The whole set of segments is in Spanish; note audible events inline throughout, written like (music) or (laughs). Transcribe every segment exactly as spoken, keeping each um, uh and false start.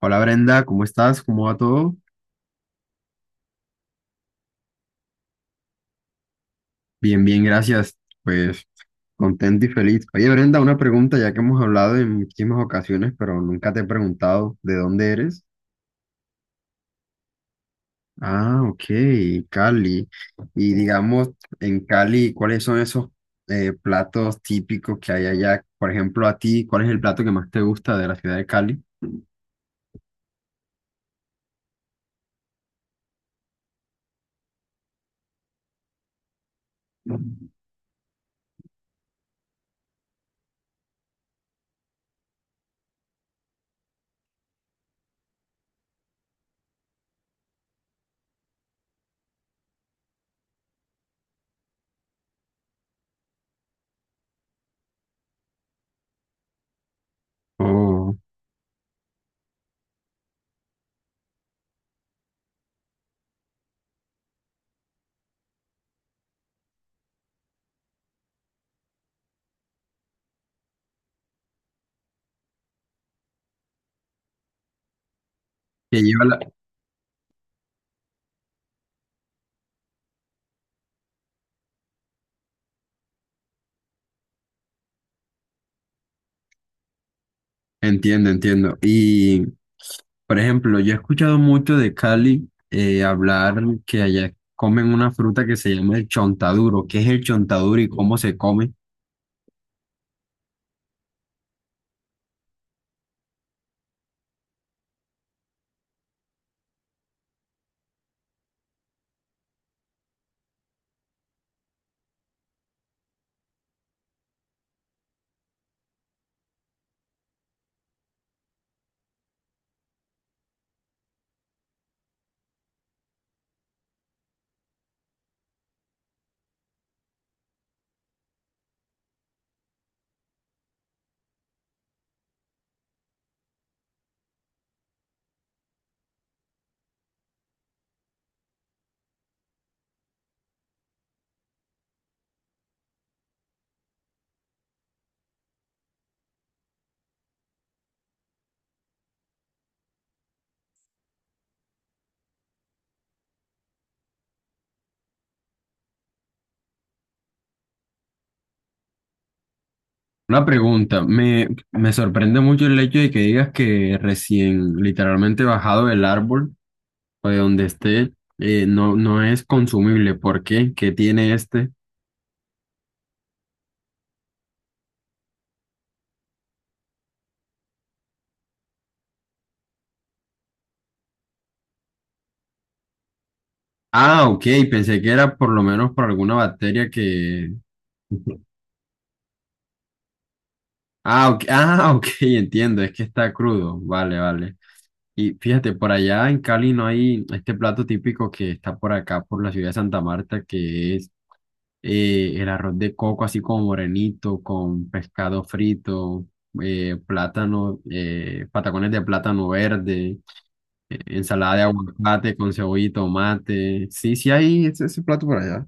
Hola Brenda, ¿cómo estás? ¿Cómo va todo? Bien, bien, gracias. Pues contento y feliz. Oye Brenda, una pregunta ya que hemos hablado en muchísimas ocasiones, pero nunca te he preguntado de dónde eres. Ah, ok, Cali. Y digamos, en Cali, ¿cuáles son esos eh, platos típicos que hay allá? Por ejemplo, a ti, ¿cuál es el plato que más te gusta de la ciudad de Cali? Oh, que lleva la... Entiendo, entiendo. Y por ejemplo, yo he escuchado mucho de Cali eh, hablar que allá comen una fruta que se llama el chontaduro. ¿Qué es el chontaduro y cómo se come? Una pregunta, me, me sorprende mucho el hecho de que digas que recién literalmente bajado del árbol o de donde esté, eh, no, no es consumible. ¿Por qué? ¿Qué tiene este? Ah, ok, pensé que era por lo menos por alguna bacteria que... Ah, ok, (laughs) ah, ok, entiendo, es que está crudo. Vale, vale. Y fíjate, por allá en Cali no hay este plato típico que está por acá, por la ciudad de Santa Marta, que es eh, el arroz de coco, así como morenito, con pescado frito, eh, plátano, eh, patacones de plátano verde, eh, ensalada de aguacate con cebolla y tomate. Sí, sí hay ese, ese plato por allá.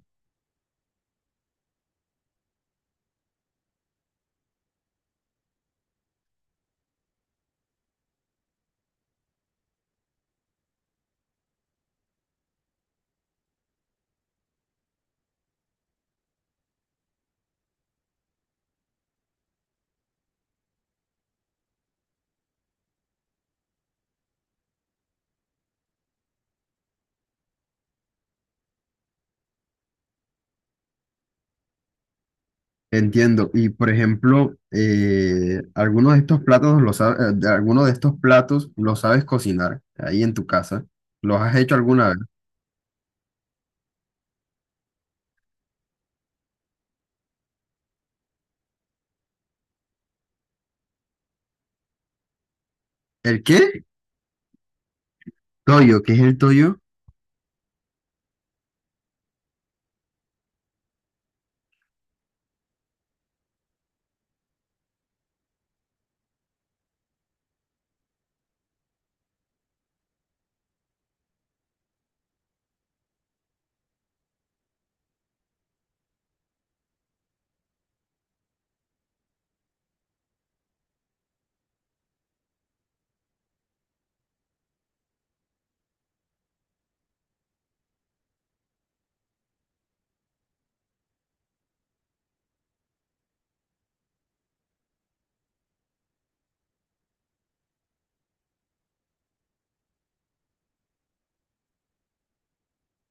Entiendo. Y por ejemplo, eh, algunos de estos platos los sabes, algunos de estos platos los sabes cocinar ahí en tu casa. ¿Los has hecho alguna vez? ¿El qué? Toyo, ¿qué es el toyo?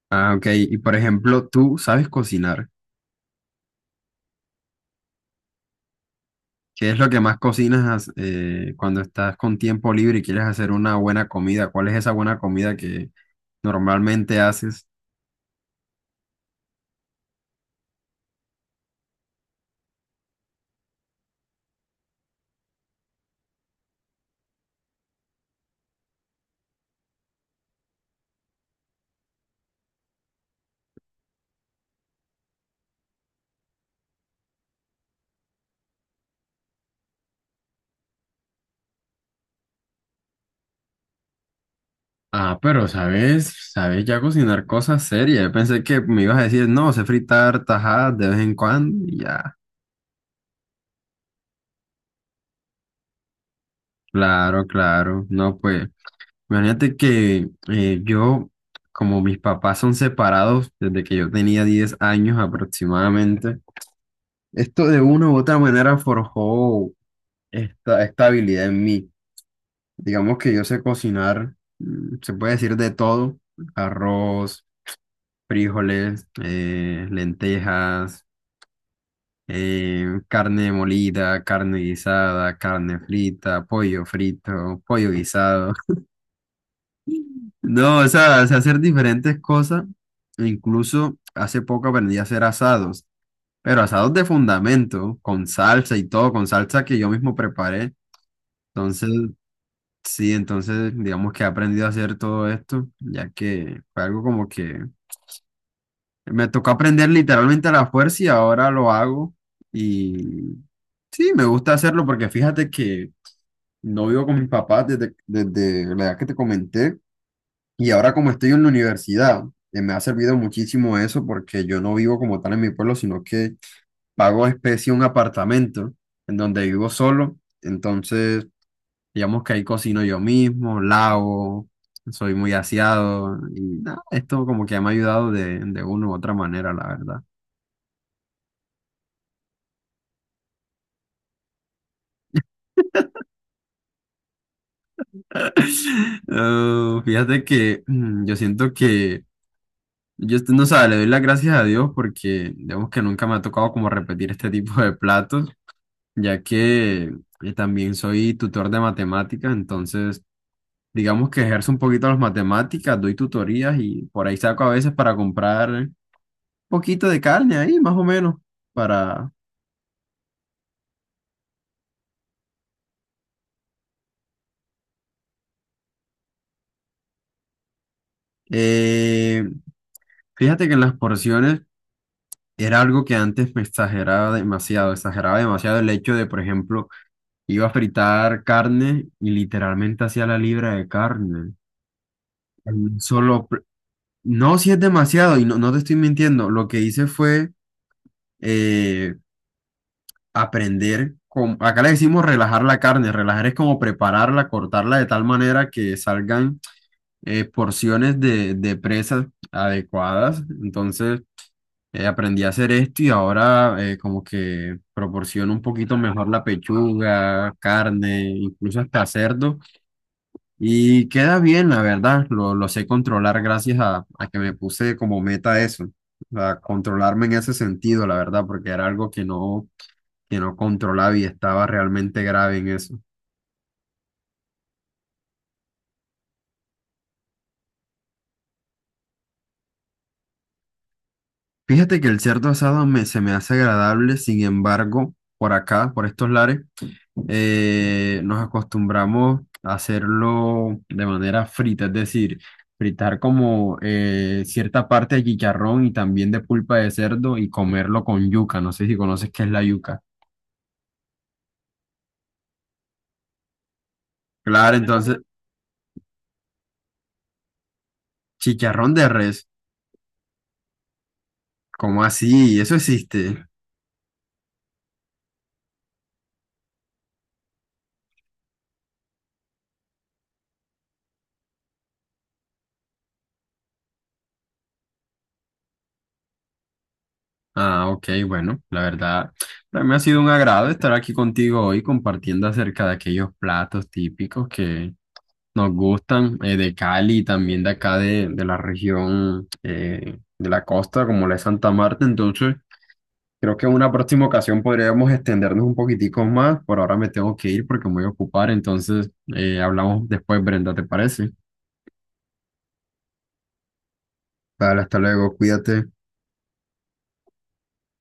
Ah, ok. Y por ejemplo, tú sabes cocinar. ¿Qué es lo que más cocinas eh, cuando estás con tiempo libre y quieres hacer una buena comida? ¿Cuál es esa buena comida que normalmente haces? Ah, pero sabes, sabes ya cocinar cosas serias. Yo pensé que me ibas a decir, no, sé fritar tajadas de vez en cuando y ya. Claro, claro. No, pues, imagínate que eh, yo, como mis papás son separados desde que yo tenía diez años aproximadamente, esto de una u otra manera forjó esta, esta habilidad en mí. Digamos que yo sé cocinar, mm, se puede decir de todo, arroz, frijoles, eh, lentejas, eh, carne molida, carne guisada, carne frita, pollo frito, pollo guisado. (laughs) No, o sea, sé hacer diferentes cosas. E incluso hace poco aprendí a hacer asados, pero asados de fundamento, con salsa y todo, con salsa que yo mismo preparé. Entonces, sí, entonces digamos que he aprendido a hacer todo esto, ya que fue algo como que me tocó aprender literalmente a la fuerza y ahora lo hago. Y sí, me gusta hacerlo porque fíjate que no vivo con mis papás desde, desde la edad que te comenté y ahora como estoy en la universidad, eh, me ha servido muchísimo eso porque yo no vivo como tal en mi pueblo, sino que pago especie un apartamento en donde vivo solo. Entonces... Digamos que ahí cocino yo mismo, lavo, soy muy aseado y nada, esto como que me ha ayudado de, de una u otra manera, la verdad. (laughs) Ah, fíjate que mm, yo siento que, yo est- no sé, le doy las gracias a Dios porque digamos que nunca me ha tocado como repetir este tipo de platos, ya que eh, también soy tutor de matemáticas, entonces digamos que ejerzo un poquito las matemáticas, doy tutorías y por ahí saco a veces para comprar. Poquito de carne ahí, más o menos, para... eh, fíjate que en las porciones era algo que antes me exageraba demasiado, exageraba demasiado el hecho de, por ejemplo, iba a fritar carne y literalmente hacía la libra de carne. en Solo... pl- No, si es demasiado, y no, no te estoy mintiendo, lo que hice fue eh, aprender... con- Acá le decimos relajar la carne, relajar es como prepararla, cortarla de tal manera que salgan eh, porciones de, de presas adecuadas. Entonces eh, aprendí a hacer esto y ahora eh, como que proporciono un poquito mejor la pechuga, carne, incluso hasta cerdo. Y queda bien, la verdad. Lo, lo sé controlar gracias a, a que me puse como meta eso. A controlarme en ese sentido, la verdad, porque era algo que no, que no controlaba y estaba realmente grave en eso. Fíjate que el cerdo asado me, se me hace agradable, sin embargo, por acá, por estos lares, eh, nos acostumbramos a hacerlo de manera frita, es decir, fritar como eh, cierta parte de chicharrón y también de pulpa de cerdo y comerlo con yuca. No sé si conoces qué es la yuca. Claro, entonces, chicharrón de res, ¿cómo así? Eso existe. Ah, ok, bueno, la verdad, para mí ha sido un agrado estar aquí contigo hoy compartiendo acerca de aquellos platos típicos que nos gustan eh, de Cali y también de acá de, de la región eh, de la costa, como la de Santa Marta. Entonces, creo que en una próxima ocasión podríamos extendernos un poquitico más. Por ahora me tengo que ir porque me voy a ocupar, entonces eh, hablamos después, Brenda, ¿te parece? Vale, hasta luego, cuídate.